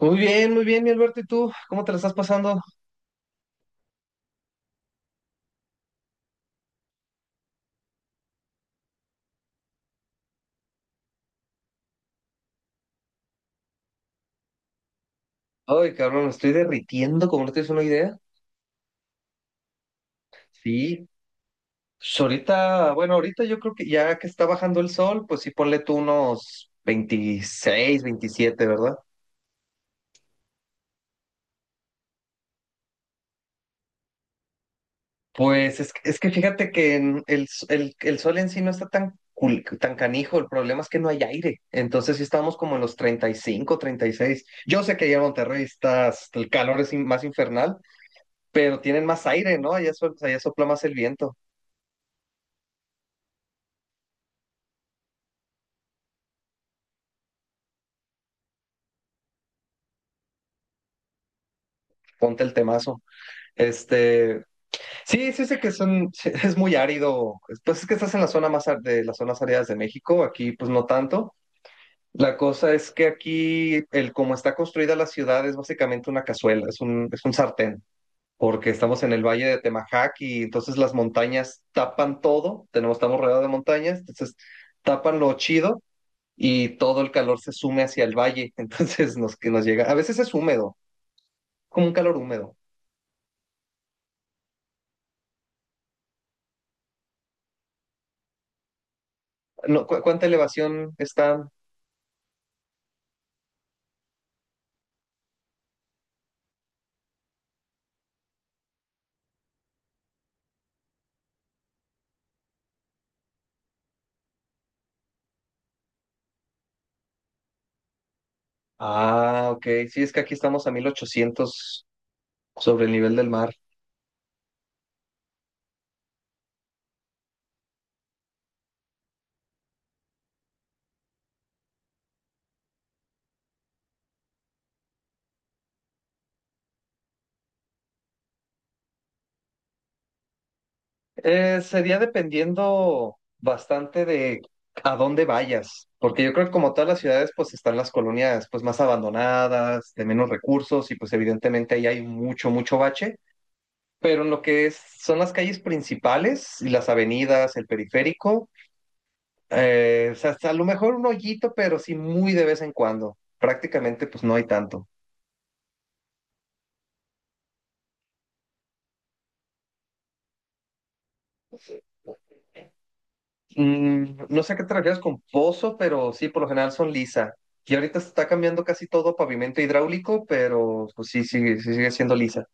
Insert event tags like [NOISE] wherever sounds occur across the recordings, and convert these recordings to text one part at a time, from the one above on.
Muy bien, mi Alberto, ¿y tú? ¿Cómo te la estás pasando? Ay, cabrón, me estoy derritiendo, como no tienes una idea. Sí. Pues ahorita, bueno, ahorita yo creo que ya que está bajando el sol, pues sí, ponle tú unos 26 27, ¿verdad? Pues es que fíjate que en el, s- el sol en sí no está tan canijo, el problema es que no hay aire, entonces sí estamos como en los 30, 35, 36. Yo sé que allá en Monterrey está, el calor es más infernal, pero tienen más aire, ¿no? Allá, allá sopla más el viento. Ponte el temazo. Este, sí, sí, sé que son, sí, es muy árido. Pues es que estás en la zona más de las zonas áridas de México, aquí pues no tanto. La cosa es que aquí, el como está construida la ciudad, es básicamente una cazuela, es un sartén, porque estamos en el valle de Temajac y entonces las montañas tapan todo, tenemos, estamos rodeados de montañas, entonces tapan lo chido y todo el calor se sume hacia el valle, [LAUGHS] entonces nos, que nos llega, a veces es húmedo, como un calor húmedo. No, ¿cuánta elevación está? Ah, ok. Sí, es que aquí estamos a 1,800 sobre el nivel del mar. Sería dependiendo bastante de a dónde vayas, porque yo creo que como todas las ciudades, pues están las colonias pues más abandonadas, de menos recursos y pues evidentemente ahí hay mucho, mucho bache, pero en lo que son las calles principales y las avenidas, el periférico, o sea, hasta a lo mejor un hoyito, pero sí muy de vez en cuando. Prácticamente pues no hay tanto. No sé a qué te refieres con pozo, pero sí, por lo general son lisa. Y ahorita se está cambiando casi todo a pavimento hidráulico, pero pues sí, sí, sí sigue siendo lisa.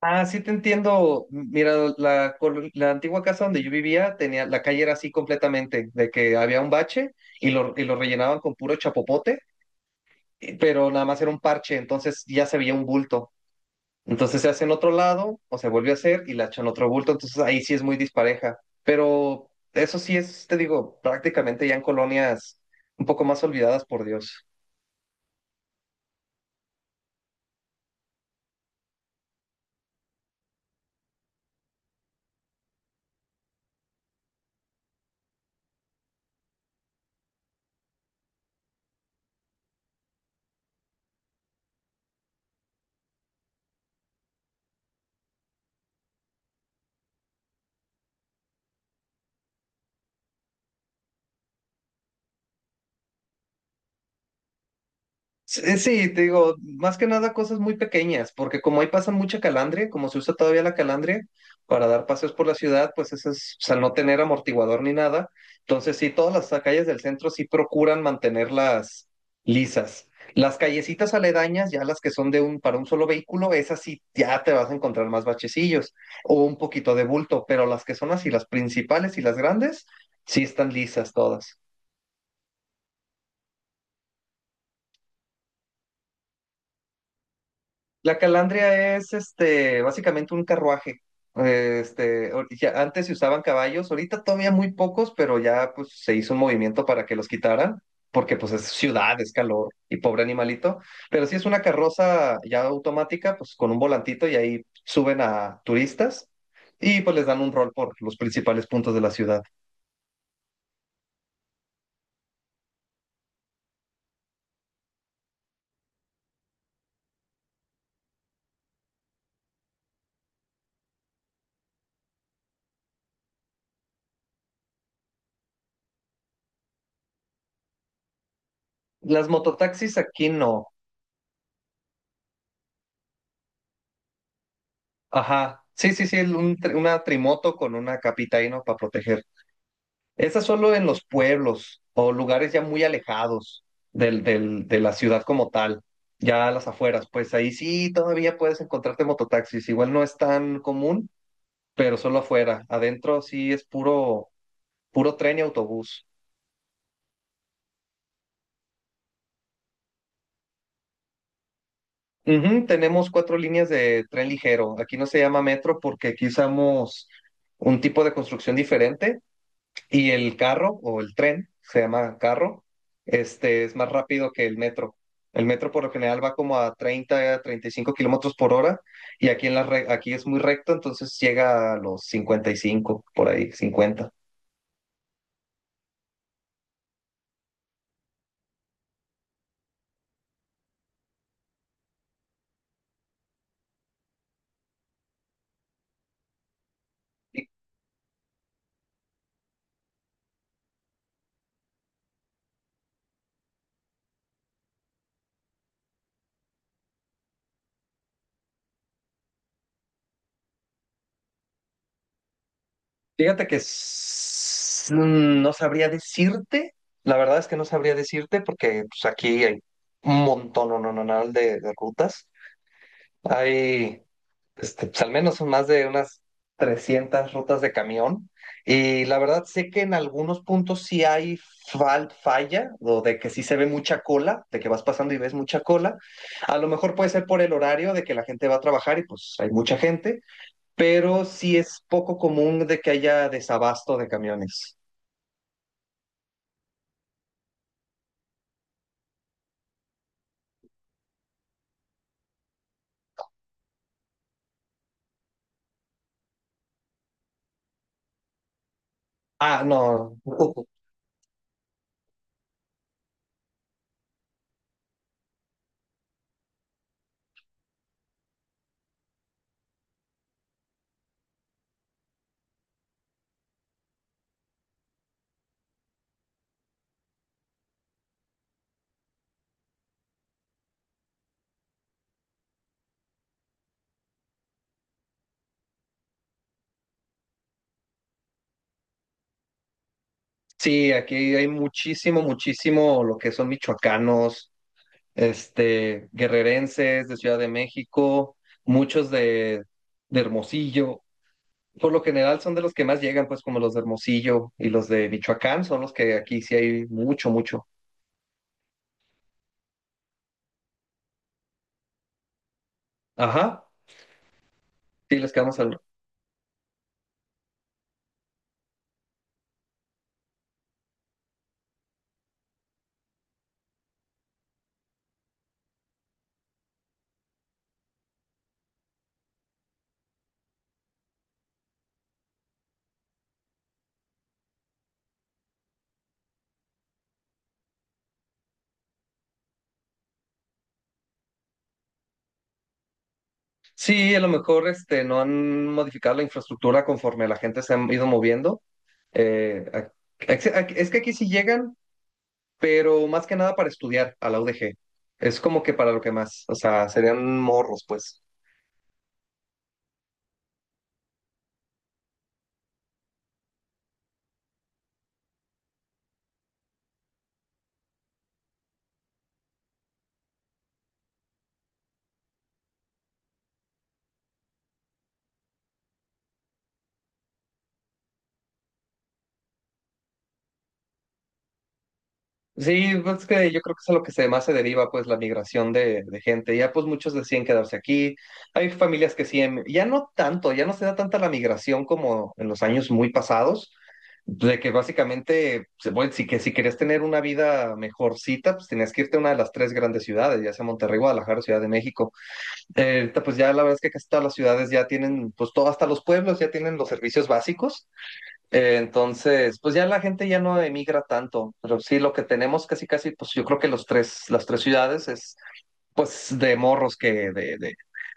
Ah, sí te entiendo. Mira, la antigua casa donde yo vivía, tenía, la calle era así completamente, de que había un bache y lo rellenaban con puro chapopote, pero nada más era un parche, entonces ya se veía un bulto. Entonces se hace en otro lado o se vuelve a hacer y la echa en otro bulto. Entonces ahí sí es muy dispareja. Pero eso sí es, te digo, prácticamente ya en colonias un poco más olvidadas por Dios. Sí, sí, te digo, más que nada cosas muy pequeñas, porque como ahí pasa mucha calandria, como se usa todavía la calandria para dar paseos por la ciudad, pues eso es, o sea, al no tener amortiguador ni nada, entonces sí, todas las calles del centro sí procuran mantenerlas lisas. Las callecitas aledañas, ya las que son de un, para un solo vehículo, esas sí ya te vas a encontrar más bachecillos o un poquito de bulto, pero las que son así, las principales y las grandes, sí están lisas todas. La calandria es básicamente un carruaje. Ya antes se usaban caballos, ahorita todavía muy pocos, pero ya pues, se hizo un movimiento para que los quitaran, porque pues es ciudad, es calor y pobre animalito. Pero sí es una carroza ya automática, pues con un volantito y ahí suben a turistas y pues les dan un rol por los principales puntos de la ciudad. Las mototaxis aquí no. Ajá. Sí, sí, sí, una trimoto con una capita ahí, ¿no? Para proteger. Esa solo en los pueblos o lugares ya muy alejados de la ciudad como tal, ya a las afueras, pues ahí sí todavía puedes encontrarte mototaxis. Igual no es tan común, pero solo afuera. Adentro sí es puro, puro tren y autobús. Ujú, tenemos cuatro líneas de tren ligero. Aquí no se llama metro porque aquí usamos un tipo de construcción diferente. Y el carro o el tren, se llama carro. Este es más rápido que el metro. El metro por lo general va como a 30 a 35 kilómetros por hora y aquí, en la aquí es muy recto, entonces llega a los 55 por ahí, 50. Y Fíjate que no sabría decirte, la verdad es que no sabría decirte porque pues, aquí hay un montón, no, no, no, no, de rutas. Hay pues al menos son más de unas 300 rutas de camión. Y la verdad sé que en algunos puntos sí hay falla, o de que sí se ve mucha cola, de que vas pasando y ves mucha cola. A lo mejor puede ser por el horario de que la gente va a trabajar y pues hay mucha gente, pero sí es poco común de que haya desabasto de camiones. Ah, no. Sí, aquí hay muchísimo, muchísimo lo que son michoacanos, guerrerenses de Ciudad de México, muchos de Hermosillo. Por lo general son de los que más llegan, pues como los de Hermosillo y los de Michoacán, son los que aquí sí hay mucho, mucho. Ajá, sí, les quedamos al... Sí, a lo mejor no han modificado la infraestructura conforme la gente se ha ido moviendo. Eh, ac- es que aquí sí llegan, pero más que nada para estudiar a la UDG. Es como que para lo que más, o sea, serían morros, pues. Sí, pues es que yo creo que es a lo que se más se deriva, pues, la migración de gente. Ya, pues, muchos decían quedarse aquí. Hay familias que sí, ya no tanto, ya no se da tanta la migración como en los años muy pasados, de que básicamente, bueno, que si querías tener una vida mejorcita, pues tenías que irte a una de las tres grandes ciudades, ya sea Monterrey, Guadalajara, Ciudad de México. Ahorita, pues ya la verdad es que casi todas las ciudades ya tienen, pues todo, hasta los pueblos ya tienen los servicios básicos. Entonces, pues ya la gente ya no emigra tanto, pero sí lo que tenemos casi casi, pues yo creo que los tres, las tres ciudades es pues de morros que de, de,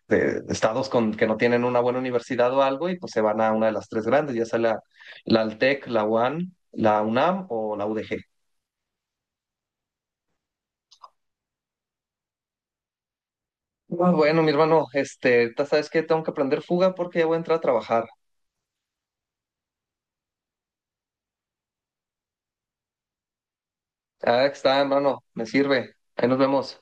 de estados con que no tienen una buena universidad o algo y pues se van a una de las tres grandes, ya sea la Altec, la UAN, la UNAM o la UDG. Ah, bueno, mi hermano, ahorita sabes que tengo que aprender fuga porque ya voy a entrar a trabajar. Ah, está, hermano, me sirve. Ahí nos vemos.